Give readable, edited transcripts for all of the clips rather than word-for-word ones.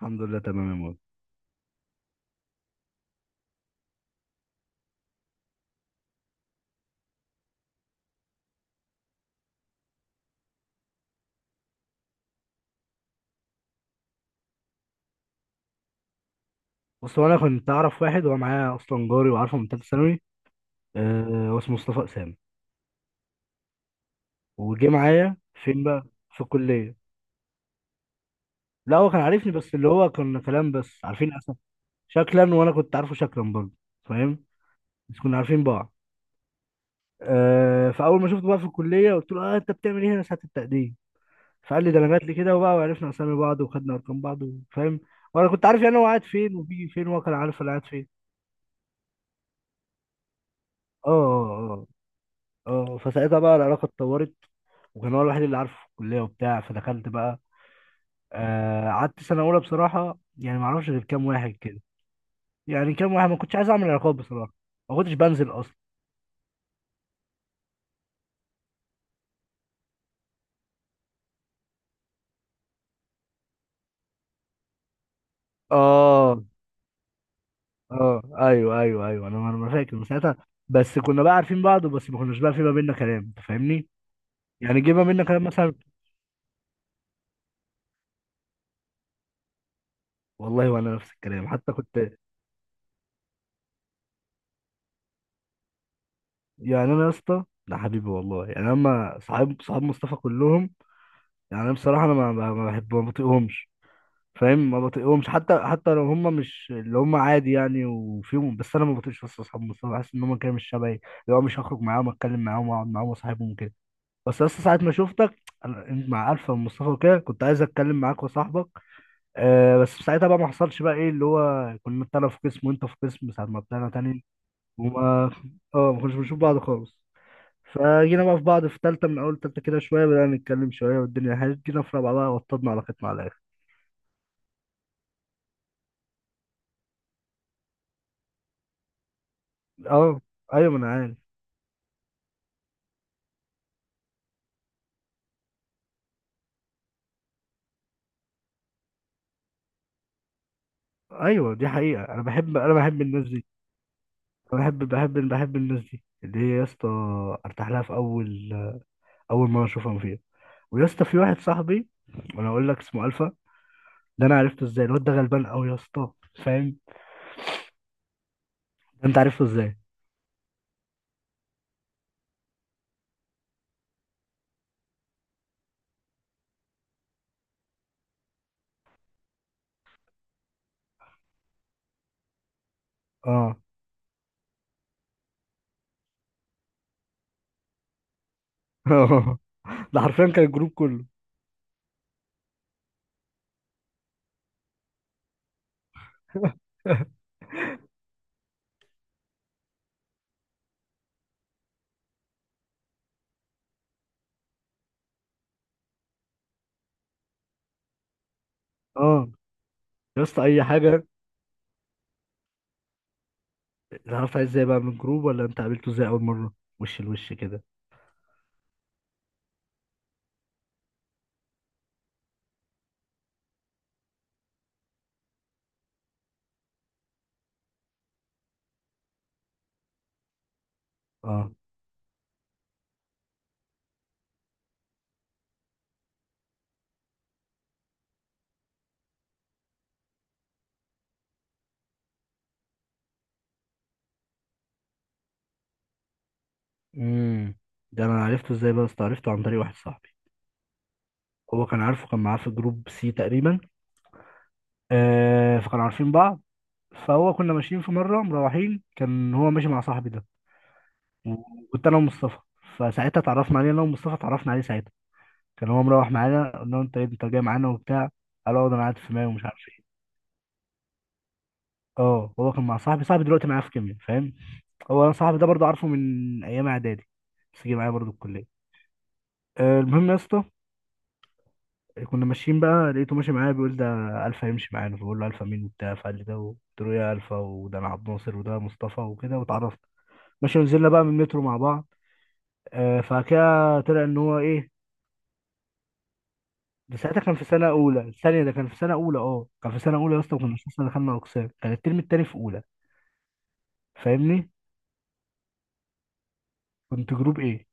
الحمد لله تمام يا مول. بص، هو انا كنت اعرف واحد هو معايا اصلا، جاري وعارفه من ثالثه ثانوي. آه، هو اسمه مصطفى اسامه. وجه معايا. فين بقى؟ في الكليه. لا، هو كان عارفني، بس اللي هو كنا كلام، بس عارفين أسا. شكلا، وانا كنت عارفه شكلا برضه. فاهم. بس كنا عارفين بعض. فاول ما شفته بقى في الكليه قلت له انت بتعمل ايه هنا ساعه التقديم؟ فقال لي ده انا جات لي كده، وبقى وعرفنا اسامي بعض وخدنا ارقام بعض. فاهم. وانا كنت عارف يعني هو قاعد فين وبيجي فين، وهو كان عارف انا قاعد فين. اه، اه، اه، اه. فساعتها بقى العلاقه اتطورت. وكان هو الوحيد اللي عارفه في الكليه وبتاع، فدخلت بقى. آه، قعدت سنه اولى بصراحه، يعني ما اعرفش غير كام واحد كده. يعني كام واحد، ما كنتش عايز اعمل علاقات بصراحه. ما كنتش بنزل اصلا. اه، اه، ايوه، ايوه، ايوه. انا ما فاكر من ساعتها. بس كنا بقى عارفين بعض، بس ما كناش بقى في ما بيننا كلام، انت فاهمني؟ يعني جه ما بيننا كلام مثلا. والله، وانا نفس الكلام، حتى كنت. يعني انا يا اسطى ده حبيبي والله، يعني اما صحاب مصطفى كلهم. يعني انا بصراحه، انا ما بحب، ما بطيقهمش. فاهم. ما بطيقهمش حتى لو هم مش اللي هم، عادي يعني، وفيهم، بس انا ما بطيقش، بس اصحابهم، بس أنا بحس ان هم كده مش شبهي، اللي هو مش هخرج معاهم، اتكلم معاهم، واقعد معاهم، واصاحبهم كده. بس لسه ساعة ما شفتك. انت مع الفا ومصطفى وكده كنت عايز اتكلم معاك وصاحبك. آه، بس ساعتها بقى ما حصلش، بقى ايه، اللي هو كنا انا في قسم وانت في قسم، ساعة ما طلعنا تاني. وما اه ما كناش بنشوف بعض خالص. فجينا بقى في بعض في تالتة، من أول تالتة كده شوية بدأنا نتكلم، شوية والدنيا حلوة جينا في رابعة، بقى وطدنا على ختم على الآخر. اه. أيوة، ما أنا عارف. ايوه، دي حقيقه، انا بحب الناس دي. انا بحب الناس دي اللي هي يا اسطى. ارتاح لها في اول، اول مره اشوفهم فيها. ويا اسطى في واحد صاحبي، وانا اقول لك اسمه الفا. ده انا عرفته ازاي، الواد ده غلبان قوي يا اسطى. فاهم. ده انت عرفته ازاي؟ اه. ده حرفيا كان الجروب كله. اه، يا اسطى، اي حاجه. عرفت ازاي بقى من الجروب، ولا انت قابلته ازاي اول مره؟ وش لوش كده. اه. امم ده انا عرفته ازاي بقى يا اسطى، عرفته عن طريق واحد صاحبي. هو كان عارفه، كان معاه في جروب سي تقريبا. فكانوا عارفين بعض. فهو كنا ماشيين في مره مروحين، كان هو ماشي مع صاحبي ده. وكنت انا ومصطفى. فساعتها اتعرفنا عليه انا ومصطفى، اتعرفنا عليه ساعتها. كان هو مروح معانا، قلنا له انت إيه، انت جاي معانا وبتاع. قال اه، ده انا قاعد في مايو ومش عارف ايه. اه، هو كان مع صاحبي، صاحبي دلوقتي معايا في كيميا، فاهم. هو انا صاحبي ده برضه عارفه من ايام اعدادي. بس جه معايا برضه الكليه. آه، المهم يا اسطى. كنا ماشيين بقى، لقيته ماشي معايا بيقول ده الفا يمشي معانا، فبقول له الفا مين وبتاع، فقال لي ده، قلت له يا الفا، وده انا عبد ناصر وده مصطفى وكده، واتعرفنا. ماشي، ونزلنا بقى من المترو مع بعض. آه، فكده طلع ان هو ايه. ده ساعتها كان في سنه اولى الثانيه، ده كان في سنه اولى، اه كان في سنه اولى يا اسطى. وكنا لسه دخلنا اقسام، كان الترم التاني في اولى. فاهمني؟ كنت جروب ايه.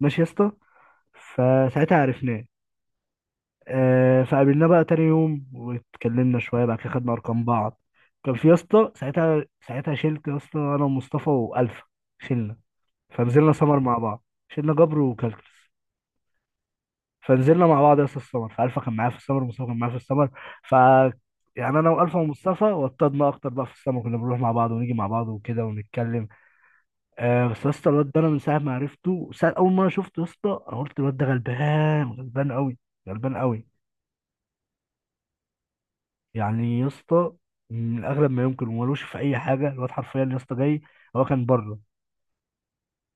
ماشي يا اسطى. فساعتها عرفناه. آه، فقابلناه بقى تاني يوم واتكلمنا شويه، بعد كده خدنا ارقام بعض. كان في يا اسطى ساعتها شلت يا اسطى انا ومصطفى والفا. شلنا. فنزلنا سمر مع بعض، شلنا جبر وكالكس. فنزلنا مع بعض يا اسطى السمر، فالفا كان معايا في السمر، ومصطفى كان معايا في السمر. ف يعني انا والفا ومصطفى وطدنا اكتر بقى في السمر، كنا بنروح مع بعض ونيجي مع بعض وكده ونتكلم. آه، بس يا اسطى الواد ده انا من ساعه ما عرفته، ساعة اول ما انا شفته يا اسطى، انا قلت الواد ده غلبان، غلبان قوي. غلبان قوي. يعني يا اسطى، من اغلب ما يمكن ومالوش في اي حاجه، الواد حرفيا يا اسطى جاي. هو كان بره.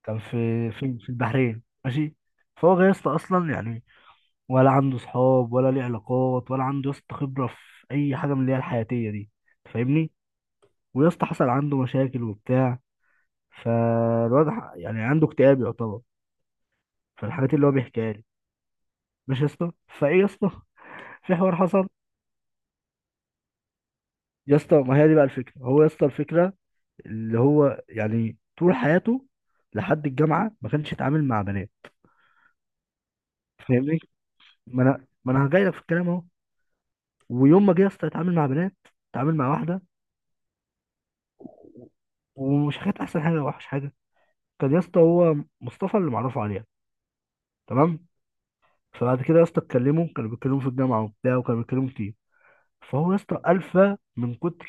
كان في البحرين، ماشي. فهو جاي يا اسطى اصلا يعني، ولا عنده صحاب ولا ليه علاقات ولا عنده يا اسطى خبره في اي حاجه من اللي هي الحياتيه دي. فاهمني. ويا اسطى حصل عنده مشاكل وبتاع. فالواد يعني عنده اكتئاب يعتبر. فالحاجات اللي هو بيحكيها لي. ماشي يا اسطى. فايه يا اسطى في حوار حصل. يا اسطى ما هي دي بقى الفكره، هو يا اسطى الفكره اللي هو يعني طول حياته لحد الجامعه ما كانش يتعامل مع بنات. فاهمني. ما انا جاي لك في الكلام اهو. ويوم ما جه يا اسطى يتعامل مع بنات، اتعامل مع واحده. و- ومش كانت احسن حاجه ولا وحش حاجه. كان يا اسطى هو مصطفى اللي معرفه عليها. تمام. فبعد كده يا اسطى اتكلموا، كانوا بيتكلموا في الجامعه وبتاع، وكانوا بيتكلموا كتير. فهو يا اسطى الفا من كتر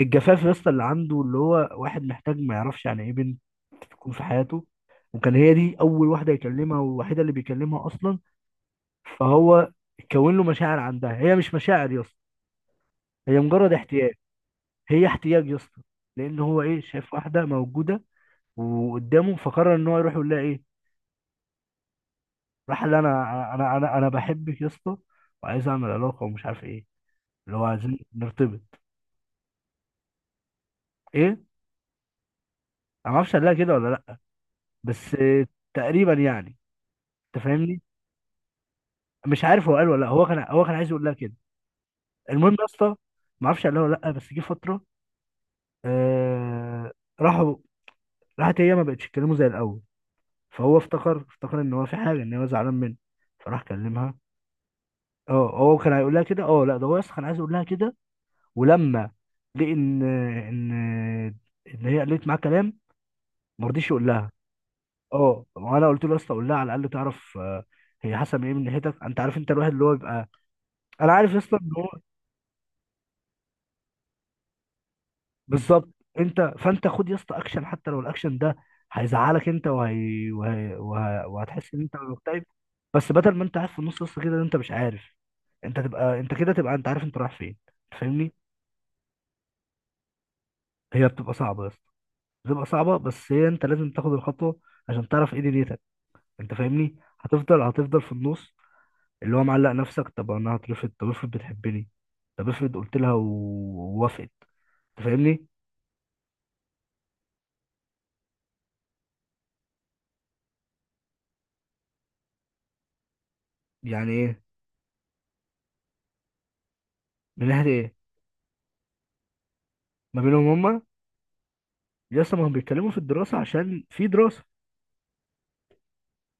الجفاف يا اسطى اللي عنده، اللي هو واحد محتاج، ما يعرفش يعني ايه بنت تكون في حياته. وكان هي دي اول واحده يكلمها، والوحيده اللي بيكلمها اصلا. فهو كون له مشاعر عندها، هي مش مشاعر يا اسطى. هي مجرد احتياج. هي احتياج يا اسطى. لان هو ايه، شايف واحده موجوده وقدامه، فقرر ان هو يروح يقول لها ايه. راح، اللي انا انا انا انا بحبك يا اسطى، وعايز اعمل علاقه ومش عارف ايه، اللي هو عايزين نرتبط. ايه، انا ما اعرفش قال لها كده ولا لا، بس تقريبا يعني. انت فاهمني. مش عارف هو قال ولا لا، هو كان عايز يقول لها كده. المهم يا اسطى، ما اعرفش قال لها ولا لا، بس جه فتره. آه. راحوا. راحت هي ما بقتش تكلمه زي الاول. فهو افتكر ان هو في حاجه، ان هو زعلان منه. فراح كلمها. اه، هو كان هيقول لها كده، اه لا، ده هو اصلا كان عايز يقول لها كده. ولما لقى ان ان هي قالت معاه كلام، ما رضيش يقول لها. اه، وانا قلت له يا اسطى قول لها على الاقل تعرف، هي حسب ايه من ناحيتك، انت عارف، انت الواحد اللي هو بيبقى، انا عارف يا اسطى ان، بالظبط. فانت خد يا اسطى اكشن، حتى لو الاكشن ده هيزعلك انت وهتحس ان انت مكتئب. بس بدل ما انت قاعد في النص يا اسطى كده، انت مش عارف، انت تبقى انت كده، تبقى انت عارف انت رايح فين. انت فاهمني. هي بتبقى صعبه يا اسطى، بتبقى صعبه، بس هي انت لازم تاخد الخطوه عشان تعرف ايه دنيتك. انت فاهمني، هتفضل في النص، اللي هو معلق نفسك، طب انا هترفض، طب افرض بتحبني، طب افرض قلت لها ووافقت. انت فاهمني. يعني ايه؟ من ناحيه ايه؟ ما بينهم هما. يس، ما هم بيتكلموا في الدراسة عشان في دراسة.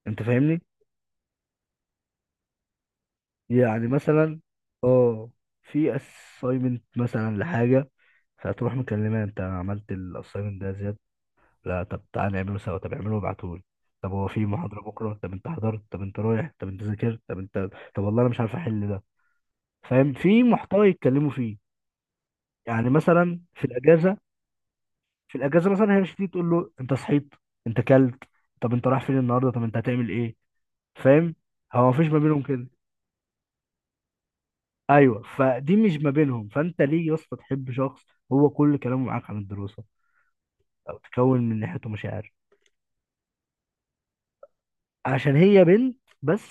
انت فاهمني. يعني مثلا، اه، في assignment مثلا لحاجة، فهتروح مكلمة انت عملت ال assignment ده يا زياد. لا طب تعالى نعمله سوا، طب اعمله وابعتهولي، طب هو في محاضرة بكرة، طب انت حضرت، طب انت رايح، طب انت ذاكرت، طب انت، طب والله انا مش عارف احل ده. فاهم، في محتوى يتكلموا فيه. يعني مثلا في الاجازة، في الاجازة مثلا هي مش هتيجي تقول له انت صحيت، انت كلت، طب انت رايح فين النهارده، طب انت هتعمل ايه. فاهم؟ هو مفيش ما بينهم كده. ايوه، فدي مش ما بينهم، فانت ليه يا اسطى تحب شخص هو كل كلامه معاك عن الدراسه، او تكون من ناحيته مشاعر؟ عشان هي بنت بس،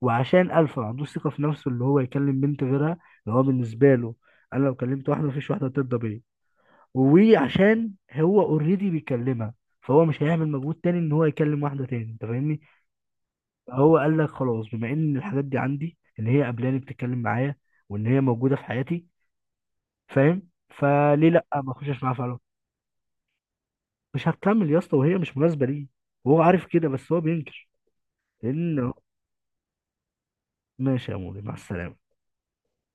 وعشان الفا ما عندوش ثقه في نفسه اللي هو يكلم بنت غيرها، اللي هو بالنسبه له: انا لو كلمت واحده مفيش واحده ترضى بيا، وعشان هو اوريدي بيكلمها، فهو مش هيعمل مجهود تاني ان هو يكلم واحده تاني. انت فاهمني. هو قال لك خلاص، بما ان الحاجات دي عندي، ان هي قبلاني بتتكلم معايا، وان هي موجوده في حياتي، فاهم، فليه لا ما اخشش معاها في علاقة. مش هتكمل يا اسطى، وهي مش مناسبه ليه، وهو عارف كده بس هو بينكر، لان. ماشي يا مولي، مع السلامه.